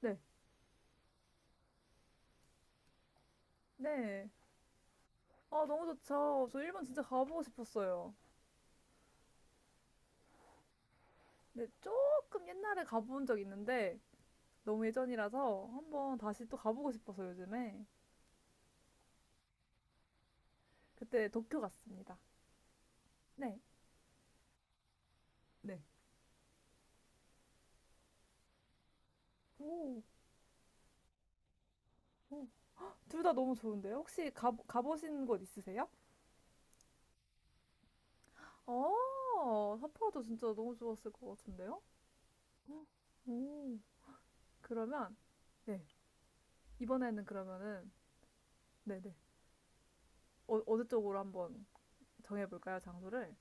네. 네. 아, 너무 좋죠. 저 일본 진짜 가보고 싶었어요. 근데 조금 옛날에 가본 적 있는데 너무 예전이라서 한번 다시 또 가보고 싶어서 요즘에 그때 도쿄 갔습니다. 네. 네. 오, 오. 둘 다 너무 좋은데요? 혹시 가보신 곳 있으세요? 삿포로도 진짜 너무 좋았을 것 같은데요? 오, 그러면, 네. 이번에는 그러면은, 네네. 어느 쪽으로 한번 정해볼까요, 장소를?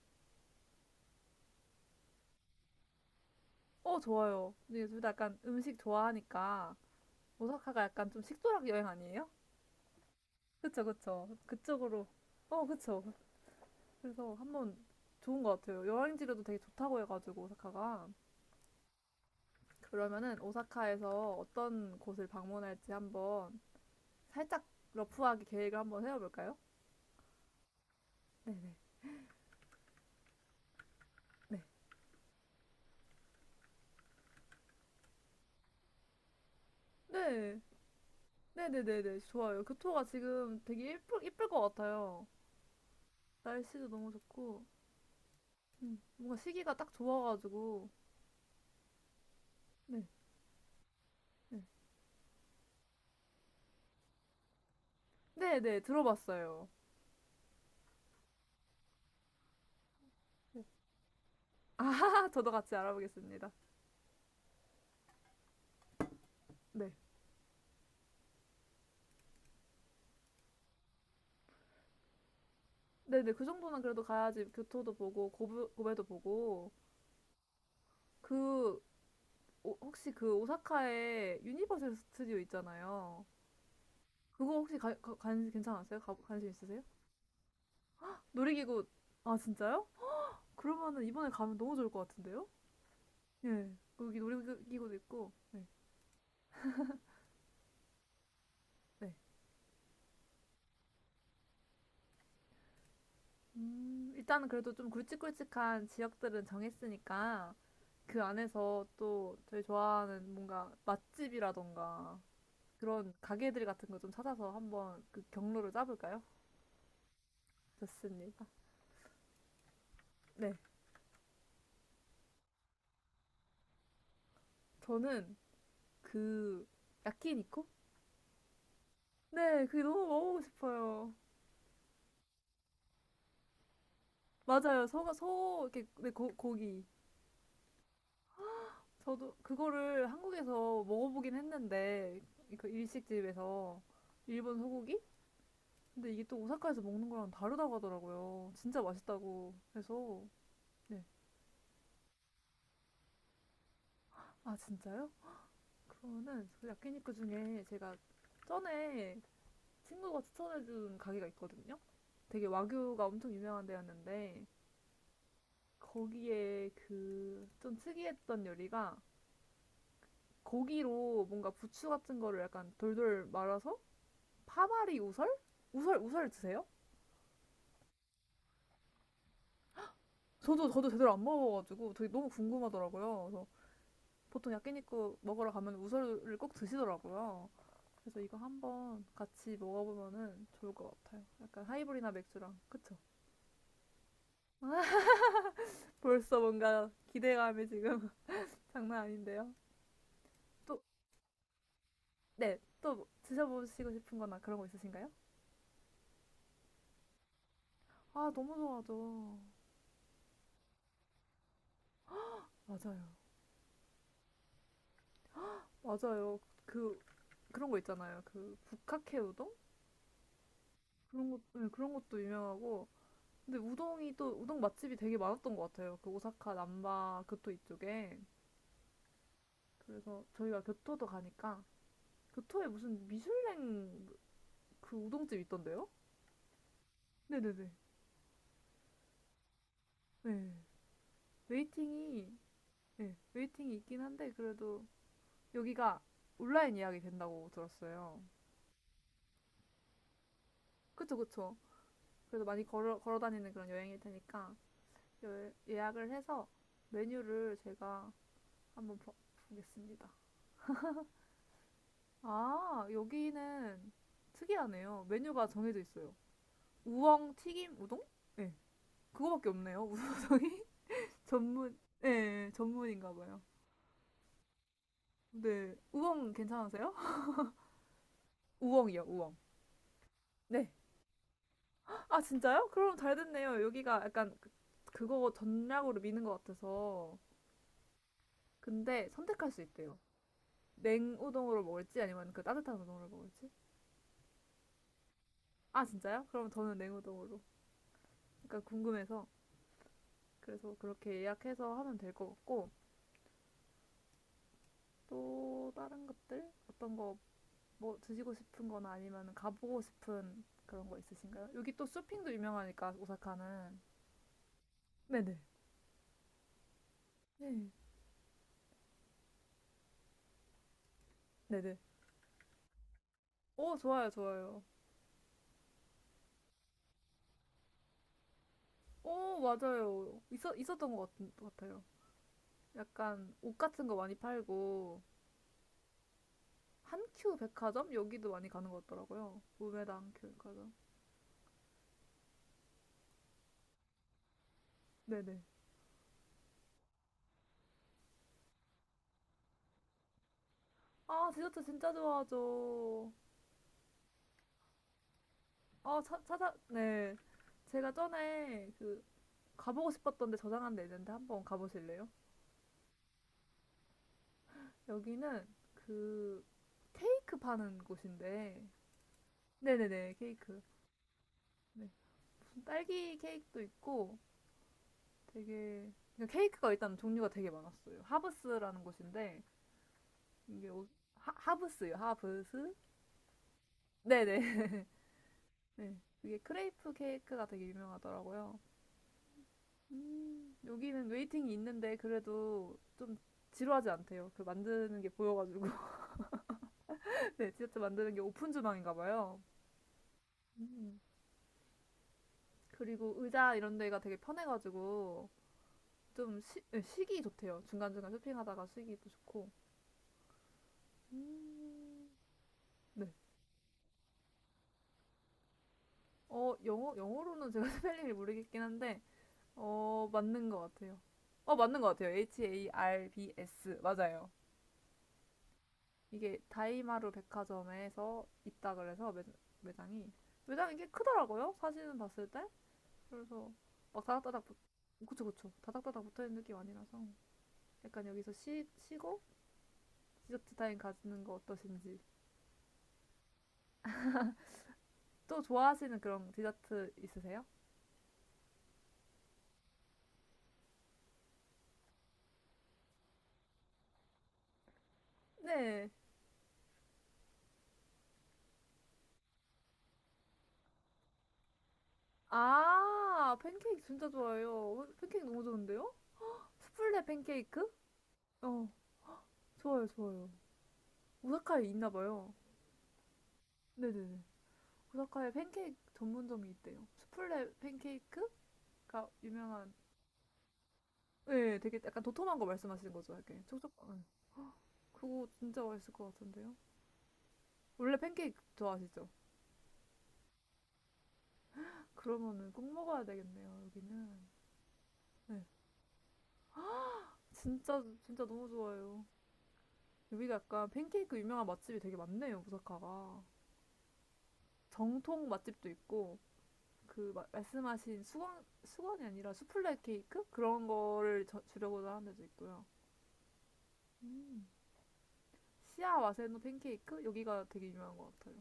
어, 좋아요. 근데 둘 다 약간 음식 좋아하니까 오사카가 약간 좀 식도락 여행 아니에요? 그쵸, 그쵸. 그쪽으로. 어, 그쵸. 그래서 한번 좋은 것 같아요. 여행지로도 되게 좋다고 해가지고 오사카가. 그러면은 오사카에서 어떤 곳을 방문할지 한번 살짝 러프하게 계획을 한번 세워볼까요? 네네. 네. 네. 네네네네. 좋아요. 교토가 지금 되게 예쁠 것 같아요. 날씨도 너무 좋고, 뭔가 시기가 딱 좋아가지고, 네. 네. 네네, 들어봤어요. 아, 저도 같이 알아보겠습니다. 네. 네네, 그 정도는 그래도 가야지 교토도 보고, 고베도 보고, 그, 혹시 그 오사카에 유니버설 스튜디오 있잖아요. 그거 혹시 괜찮았어요? 관심 있으세요? 놀이기구, 아, 진짜요? 그러면은 이번에 가면 너무 좋을 것 같은데요? 예. 거기 놀이기구도 있고, 네. 네. 일단은 그래도 좀 굵직굵직한 지역들은 정했으니까 그 안에서 또 저희 좋아하는 뭔가 맛집이라던가 그런 가게들 같은 거 좀 찾아서 한번 그 경로를 짜볼까요? 좋습니다. 네, 저는 그 야키니코? 네, 그게 너무 먹어보고 싶어요. 맞아요. 소, 이렇게, 네, 고기. 저도 그거를 한국에서 먹어보긴 했는데, 그 일식집에서 일본 소고기? 근데 이게 또 오사카에서 먹는 거랑 다르다고 하더라고요. 진짜 맛있다고 해서. 네. 아, 진짜요? 그거는 그 야키니쿠 중에 제가 전에 친구가 추천해준 가게가 있거든요. 되게 와규가 엄청 유명한 데였는데 거기에 그 좀 특이했던 요리가 고기로 뭔가 부추 같은 거를 약간 돌돌 말아서 파마리 우설? 우설 드세요? 저도 제대로 안 먹어가지고 되게 너무 궁금하더라고요. 그래서 보통 야끼니쿠 먹으러 가면 우설을 꼭 드시더라고요. 그래서 이거 한번 같이 먹어보면은 좋을 것 같아요. 약간 하이볼이나 맥주랑. 그쵸? 벌써 뭔가 기대감이 지금 장난 아닌데요. 또, 네. 또 드셔보시고 싶은 거나 그런 거 있으신가요? 아, 너무 좋아하죠. 맞아요. 맞아요. 그, 그런 거 있잖아요. 그, 북카케 우동? 그런 것, 네, 그런 것도 유명하고. 근데 우동이 또, 우동 맛집이 되게 많았던 것 같아요. 그 오사카 남바 그또 이쪽에. 그래서 저희가 교토도 가니까 교토에 무슨 미슐랭 그 우동집 있던데요? 네네네. 네. 웨이팅이 네, 웨이팅이 있긴 한데 그래도 여기가 온라인 예약이 된다고 들었어요. 그쵸 그쵸. 그래서 많이 걸어 걸어 다니는 그런 여행일 테니까 예약을 해서 메뉴를 제가 한번 보겠습니다. 아 여기는 특이하네요. 메뉴가 정해져 있어요. 우엉 튀김 우동? 네. 그거밖에 없네요. 우엉 전문, 예, 예, 전문인가 봐요. 네. 우엉 괜찮으세요? 우엉이요, 우엉. 네. 아, 진짜요? 그럼 잘 됐네요. 여기가 약간 그거 전략으로 미는 것 같아서. 근데 선택할 수 있대요. 냉우동으로 먹을지 아니면 그 따뜻한 우동으로 먹을지. 아, 진짜요? 그럼 저는 냉우동으로. 그러니까 궁금해서. 그래서 그렇게 예약해서 하면 될 것 같고. 또 다른 것들? 어떤 거 뭐 드시고 싶은 거나 아니면 가보고 싶은 그런 거 있으신가요? 여기 또 쇼핑도 유명하니까 오사카는 네네. 네. 네네. 오, 좋아요, 좋아요. 오, 맞아요. 있었던 것 같 같아요. 약간 옷 같은 거 많이 팔고, 한큐 백화점? 여기도 많이 가는 것 같더라고요. 우메다 한큐 백화점. 네네. 아, 디저트 진짜 좋아하죠. 아, 네. 제가 전에 가보고 싶었던데 저장한 데 있는데 한번 가보실래요? 여기는 그, 케이크 파는 곳인데, 네네네, 케이크. 네. 무슨 딸기 케이크도 있고, 되게 그러니까 케이크가 일단 종류가 되게 많았어요. 하브스라는 곳인데 이게 오- 하브스요. 하브스? 네네. 네. 이게 크레이프 케이크가 되게 유명하더라고요. 여기는 웨이팅이 있는데 그래도 좀 지루하지 않대요. 그 만드는 게 보여가지고. 네, 디저트 만드는 게 오픈 주방인가 봐요. 음. 그리고 의자 이런 데가 되게 편해가지고 좀 네, 쉬기 좋대요. 중간중간 쇼핑하다가 쉬기도 좋고. 음, 네. 영어로는 제가 스펠링을 모르겠긴 한데, 맞는 것 같아요. 맞는 것 같아요. Harbs. 맞아요. 이게 다이마루 백화점에서 있다 그래서 매장이, 매장이 꽤 크더라고요. 사진은 봤을 때. 그래서 막 다닥다닥, 그쵸, 그쵸. 다닥다닥 붙어 있는 느낌 아니라서. 약간 여기서 쉬고 디저트 타임 가지는 거 어떠신지. 또 좋아하시는 그런 디저트 있으세요? 네. 아, 팬케이크 진짜 좋아요. 팬케이크 너무 좋은데요? 수플레 팬케이크? 어, 좋아요, 좋아요. 오사카에 있나 봐요. 네네네. 오사카에 팬케이크 전문점이 있대요. 수플레 팬케이크가 유명한, 네, 되게 약간 도톰한 거 말씀하시는 거죠, 이렇게. 촉촉한. 네. 그거 진짜 맛있을 것 같은데요? 원래 팬케이크 좋아하시죠? 그러면은 꼭 먹어야 되겠네요, 여기는. 네. 진짜, 진짜 너무 좋아요. 여기가 약간 팬케이크 유명한 맛집이 되게 많네요, 오사카가. 정통 맛집도 있고, 그 말씀하신 수건 수건이 아니라 수플레 케이크 그런 거를 주려고도 하는 데도 있고요. 음, 시아 와세노 팬케이크 여기가 되게 유명한 것 같아요.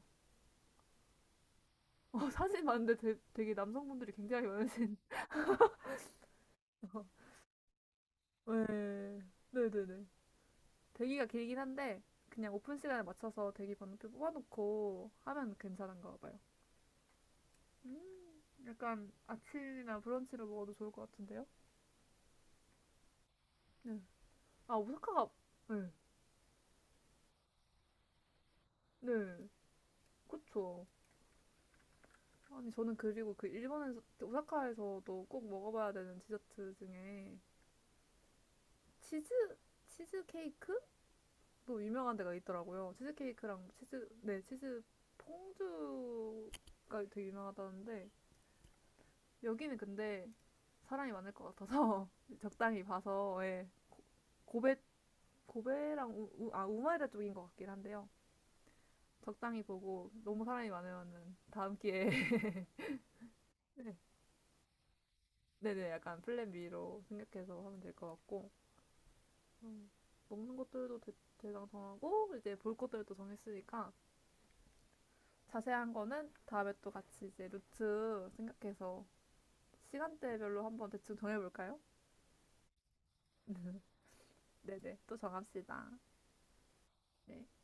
사진 봤는데 되게 남성분들이 굉장히 많으신. 네, 네네네. 대기가 길긴 한데 그냥 오픈 시간에 맞춰서 대기 번호표 뽑아놓고 하면 괜찮은가 봐요. 약간 아침이나 브런치를 먹어도 좋을 것 같은데요? 네. 아 오사카가 네, 네, 그쵸. 아니 저는 그리고 그 일본에서 오사카에서도 꼭 먹어봐야 되는 디저트 중에 치즈 치즈 케이크도 유명한 데가 있더라고요. 치즈 케이크랑 치즈 네, 치즈 퐁듀가 되게 유명하다는데 여기는 근데 사람이 많을 것 같아서 적당히 봐서 예 고베 고베랑 아 우마이라 쪽인 것 같긴 한데요. 적당히 보고 너무 사람이 많으면은 다음 기회에 네. 네네 약간 플랜 B로 생각해서 하면 될 것 같고 음, 먹는 것들도 대강 정하고 이제 볼 것들도 정했으니까 자세한 거는 다음에 또 같이 이제 루트 생각해서 시간대별로 한번 대충 정해볼까요? 네네, 또 정합시다. 네.